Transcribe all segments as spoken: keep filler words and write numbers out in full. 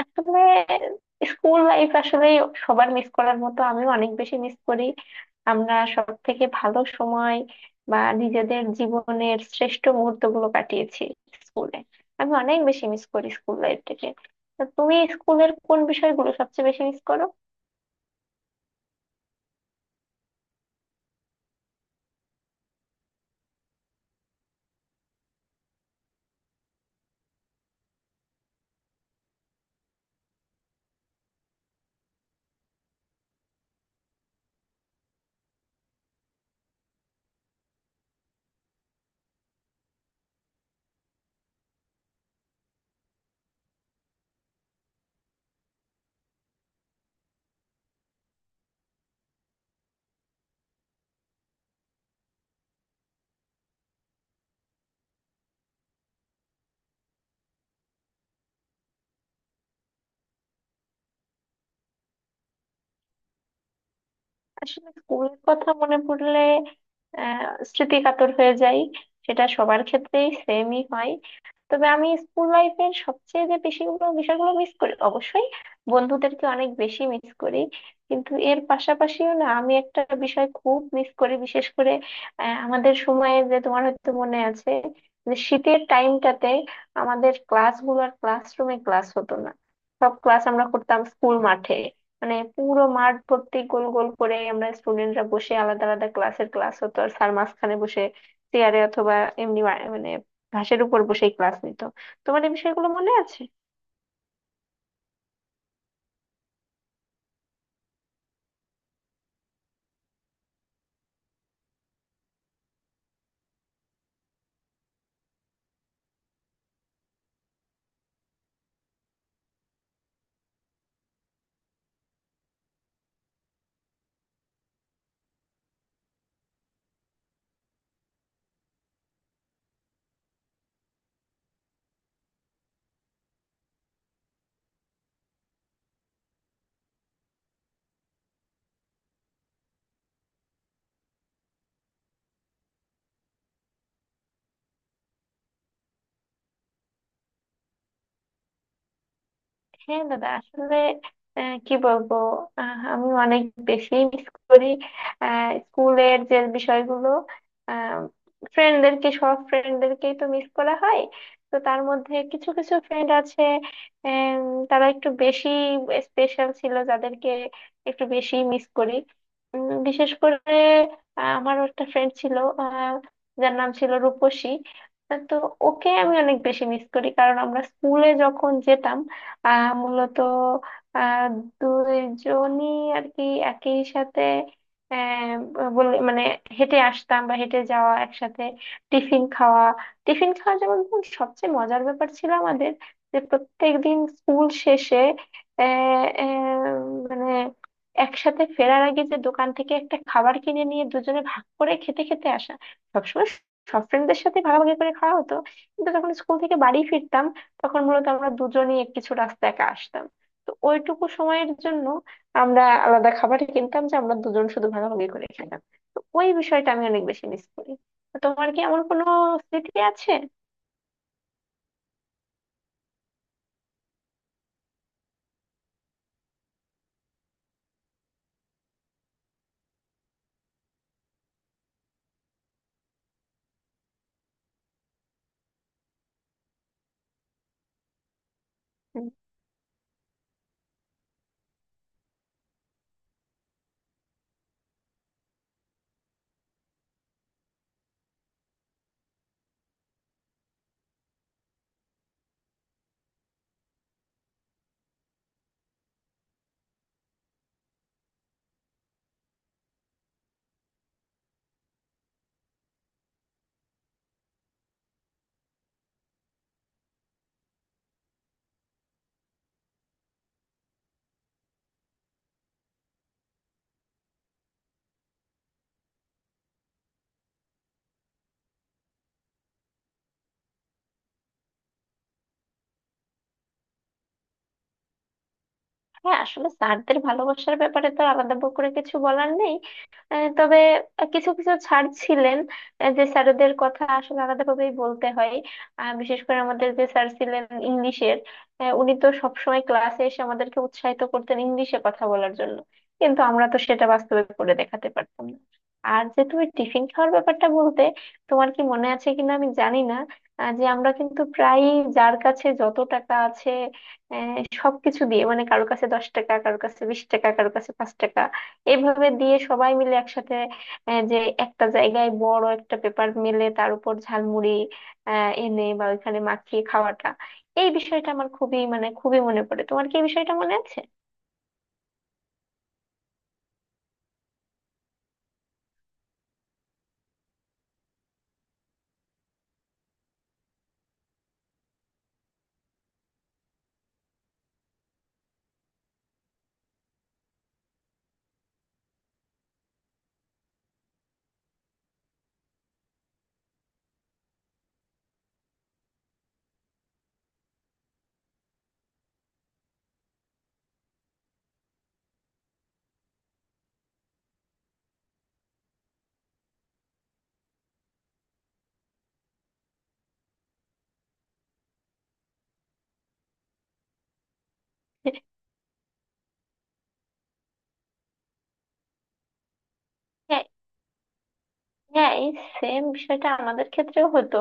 আসলে school life আসলে সবার মিস করার মতো আমিও অনেক বেশি মিস করি। আমরা সব থেকে ভালো সময় বা নিজেদের জীবনের শ্রেষ্ঠ মুহূর্তগুলো কাটিয়েছি স্কুলে। আমি অনেক বেশি মিস করি স্কুল লাইফটাকে। তা তুমি স্কুলের কোন বিষয়গুলো সবচেয়ে বেশি মিস করো? আসলে স্কুলের কথা মনে পড়লে আহ স্মৃতি কাতর হয়ে যায়। সেটা সবার ক্ষেত্রেই সেমই হয়। তবে আমি স্কুল লাইফের সবচেয়ে যে বেশিগুলো বিষয়গুলো মিস করি অবশ্যই বন্ধুদেরকে অনেক বেশি মিস করি। কিন্তু এর পাশাপাশিও না আমি একটা বিষয় খুব মিস করি বিশেষ করে, আহ, আমাদের সময়ে যে তোমার হয়তো মনে আছে যে শীতের টাইমটাতে আমাদের ক্লাসগুলো আর ক্লাসরুমে ক্লাস হতো না। সব ক্লাস আমরা করতাম স্কুল মাঠে। মানে পুরো মাঠ ভর্তি গোল গোল করে আমরা স্টুডেন্টরা বসে আলাদা আলাদা ক্লাসের ক্লাস হতো আর স্যার মাঝখানে বসে চেয়ারে অথবা এমনি মা- মানে ঘাসের উপর বসেই ক্লাস নিত। তোমার এই বিষয়গুলো মনে আছে? হ্যাঁ দাদা, আসলে আহ, কি বলবো। আহ, আমি অনেক বেশি মিস করি আহ, স্কুলের যে বিষয়গুলো, ফ্রেন্ডদেরকে সব ফ্রেন্ডদেরকেই তো মিস করা হয়। তো তার মধ্যে কিছু কিছু ফ্রেন্ড আছে আম, তারা একটু বেশি স্পেশাল ছিল, যাদেরকে একটু বেশি মিস করি। উম, বিশেষ করে আহ, আমার একটা ফ্রেন্ড ছিল, আহ, যার নাম ছিল রূপসী। তো ওকে আমি অনেক বেশি মিস করি কারণ আমরা স্কুলে যখন যেতাম, আহ মূলত আহ দুইজনই আর কি একই সাথে আহ, বলে মানে হেঁটে আসতাম বা হেঁটে যাওয়া একসাথে, টিফিন খাওয়া। টিফিন খাওয়া যেমন ধরুন সবচেয়ে মজার ব্যাপার ছিল আমাদের, যে প্রত্যেকদিন স্কুল শেষে আহ, আহ, মানে একসাথে ফেরার আগে যে দোকান থেকে একটা খাবার কিনে নিয়ে দুজনে ভাগ করে খেতে খেতে আসা। সবসময় সব ফ্রেন্ডদের সাথে ভাগাভাগি করে খাওয়া হতো, কিন্তু যখন স্কুল থেকে বাড়ি ফিরতাম তখন মূলত আমরা দুজনেই কিছু রাস্তা একা আসতাম। তো ওইটুকু সময়ের জন্য আমরা আলাদা খাবার কিনতাম, যে আমরা দুজন শুধু ভাগাভাগি করে খেতাম। তো ওই বিষয়টা আমি অনেক বেশি মিস করি। তো তোমার কি এমন কোনো স্মৃতি আছে? হুম। হ্যাঁ, আসলে স্যারদের ভালোবাসার ব্যাপারে তো আর আলাদা করে কিছু বলার নেই। আহ, তবে কিছু কিছু স্যার ছিলেন আহ, যে স্যারদের কথা আসলে আলাদাভাবেই বলতে হয়। আহ, বিশেষ করে আমাদের যে স্যার ছিলেন ইংলিশের, আহ, উনি তো সবসময় ক্লাসে এসে আমাদেরকে উৎসাহিত করতেন ইংলিশে কথা বলার জন্য, কিন্তু আমরা তো সেটা বাস্তবে করে দেখাতে পারতাম না। আর যে তুমি টিফিন খাওয়ার ব্যাপারটা বলতে, তোমার কি মনে আছে কিনা আমি জানি না। আহ, যে আমরা কিন্তু প্রায়ই যার কাছে যত টাকা আছে আহ, সবকিছু দিয়ে মানে কারো কাছে দশ টাকা, কারো কাছে বিশ টাকা, কারো কাছে পাঁচ টাকা, এভাবে দিয়ে সবাই মিলে একসাথে আহ, যে একটা জায়গায় বড় একটা পেপার মেলে তার উপর ঝালমুড়ি আহ, এনে বা ওইখানে মাখিয়ে খাওয়াটা। এই বিষয়টা আমার খুবই, মানে খুবই মনে পড়ে। তোমার কি এই বিষয়টা মনে আছে? হ্যাঁ, হ্যাঁ, এই সেম বিষয়টা আমাদের ক্ষেত্রেও হতো।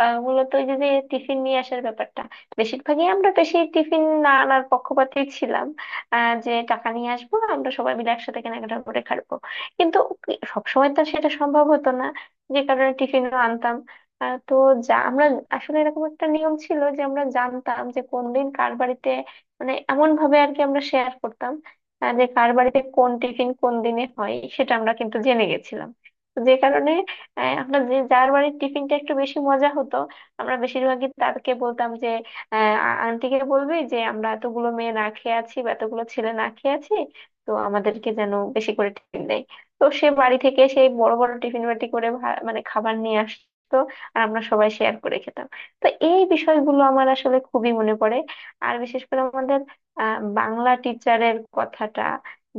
আহ, মূলত ওই যে যে টিফিন নিয়ে আসার ব্যাপারটা বেশিরভাগই আমরা বেশি টিফিন না আনার পক্ষপাতী ছিলাম। আহ, যে টাকা নিয়ে আসবো আমরা সবাই মিলে একসাথে কেনাকাটা করে খাবো, কিন্তু কি- সবসময় তো আর সেটা সম্ভব হতো না, যে কারণে টিফিনও আনতাম। আহ, তো যা আমরা আসলে এরকম একটা নিয়ম ছিল যে আমরা জানতাম যে কোন দিন কার বাড়িতে, মানে এমন ভাবে আর কি আমরা শেয়ার করতাম। আহ, যে কার বাড়িতে কোন টিফিন কোন দিনে হয় সেটা আমরা কিন্তু জেনে গেছিলাম। তো যে কারণে আহ, আমরা যে যার বাড়ির টিফিনটা একটু বেশি মজা হতো আমরা বেশিরভাগই তাকে বলতাম যে আহ, আ- আন্টিকে বলবি যে আমরা এতগুলো মেয়ে না খেয়ে আছি বা এতগুলো ছেলে না খেয়ে আছি, তো আমাদেরকে যেন বেশি করে টিফিন দেয়। তো সে বাড়ি থেকে সেই বড় বড় টিফিন বাটি করে ভা- মানে খাবার নিয়ে আসতো আর আমরা সবাই শেয়ার করে খেতাম। তো এই বিষয়গুলো আমার আসলে খুবই মনে পড়ে। আর বিশেষ করে আমাদের আহ বাংলা টিচারের কথাটা,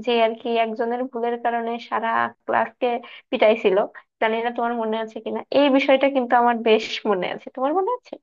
যে আর কি একজনের ভুলের কারণে সারা ক্লাসকে পিটাইছিল। জানি না তোমার মনে আছে কিনা এই বিষয়টা, কিন্তু আমার বেশ মনে আছে। তোমার মনে আছে?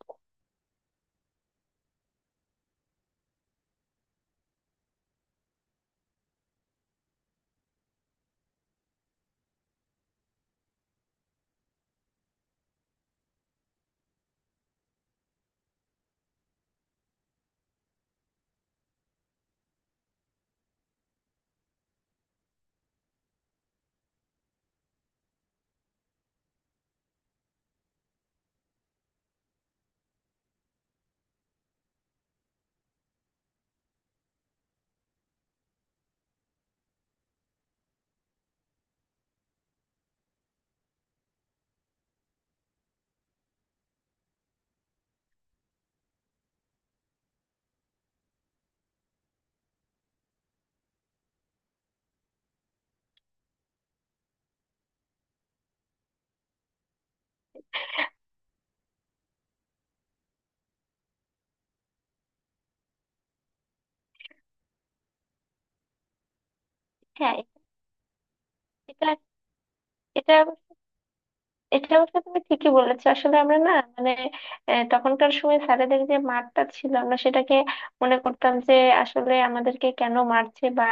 হ্যাঁ, এটা এটা এটা অবশ্য তুমি ঠিকই বলেছো। আসলে আমরা না মানে আহ, তখনকার সময় স্যারেদের যে মারটা ছিল আমরা সেটাকে মনে করতাম যে আসলে আমাদেরকে কেন মারছে বা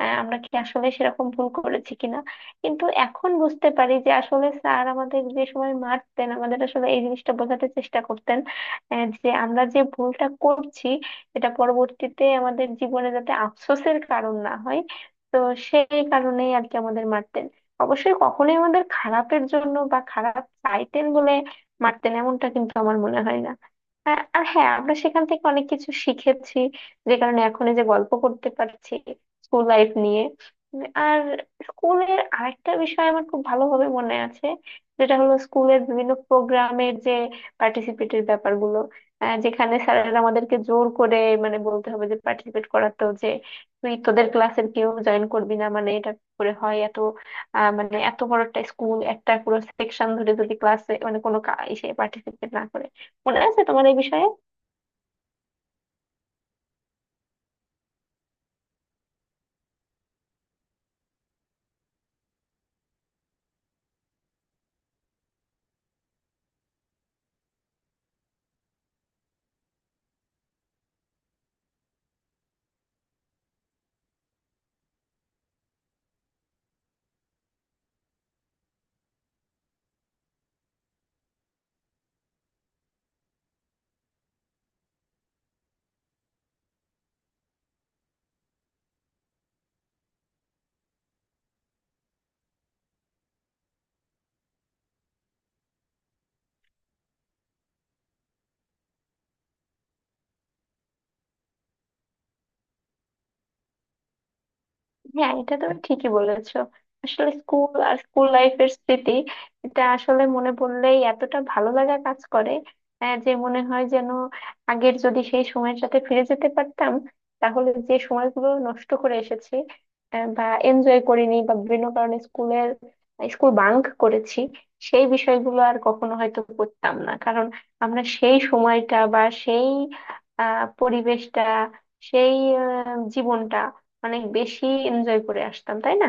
আহ, আমরা কি আসলে সেরকম ভুল করেছি কিনা। কিন্তু এখন বুঝতে পারি যে আসলে স্যার আমাদের যে সময় মারতেন আমাদের আসলে এই জিনিসটা বোঝাতে চেষ্টা করতেন, আহ, যে আমরা যে ভুলটা করছি এটা পরবর্তীতে আমাদের জীবনে যাতে আফসোসের কারণ না হয়। তো সেই কারণেই আর কি আমাদের মারতেন। অবশ্যই কখনোই আমাদের খারাপের জন্য বা খারাপ চাইতেন বলে মারতেন এমনটা কিন্তু আমার মনে হয় না। আর আর হ্যাঁ, আমরা সেখান থেকে অনেক কিছু শিখেছি, যে কারণে এখন এই যে গল্প করতে পারছি স্কুল লাইফ নিয়ে। উম, আর স্কুলের আরেকটা বিষয় আমার খুব ভালোভাবে মনে আছে, যেটা হলো স্কুলের বিভিন্ন প্রোগ্রামের যে পার্টিসিপেটের ব্যাপারগুলো, আহ, যেখানে স্যারেরা আমাদেরকে জোর করে মানে বলতে হবে যে পার্টিসিপেট করাতো, যে তুই তোদের ক্লাসের কেউ জয়েন করবি না মানে এটা করে হয় এত আহ, মানে এত বড় একটা স্কুল একটা পুরো সেকশন ধরে যদি ক্লাসে মানে কোনো কা- ইসে পার্টিসিপেট না করে। মনে আছে তোমার এই বিষয়ে? হ্যাঁ, এটা তুমি ঠিকই বলেছো। আসলে স্কুল আর স্কুল লাইফের স্মৃতি এটা আসলে মনে পড়লেই এতটা ভালো লাগা কাজ করে, আহ, যে মনে হয় যেন আগের যদি সেই সময়ের সাথে ফিরে যেতে পারতাম তাহলে যে সময়গুলো নষ্ট করে এসেছি আহ, বা এনজয় করিনি বা বিভিন্ন কারণে স্কুলের স্কুল বাঙ্ক করেছি সেই বিষয়গুলো আর কখনো হয়তো করতাম না। কারণ আমরা সেই সময়টা বা সেই আহ পরিবেশটা, সেই আহ, জীবনটা অনেক বেশি এনজয় করে আসতাম তাই না?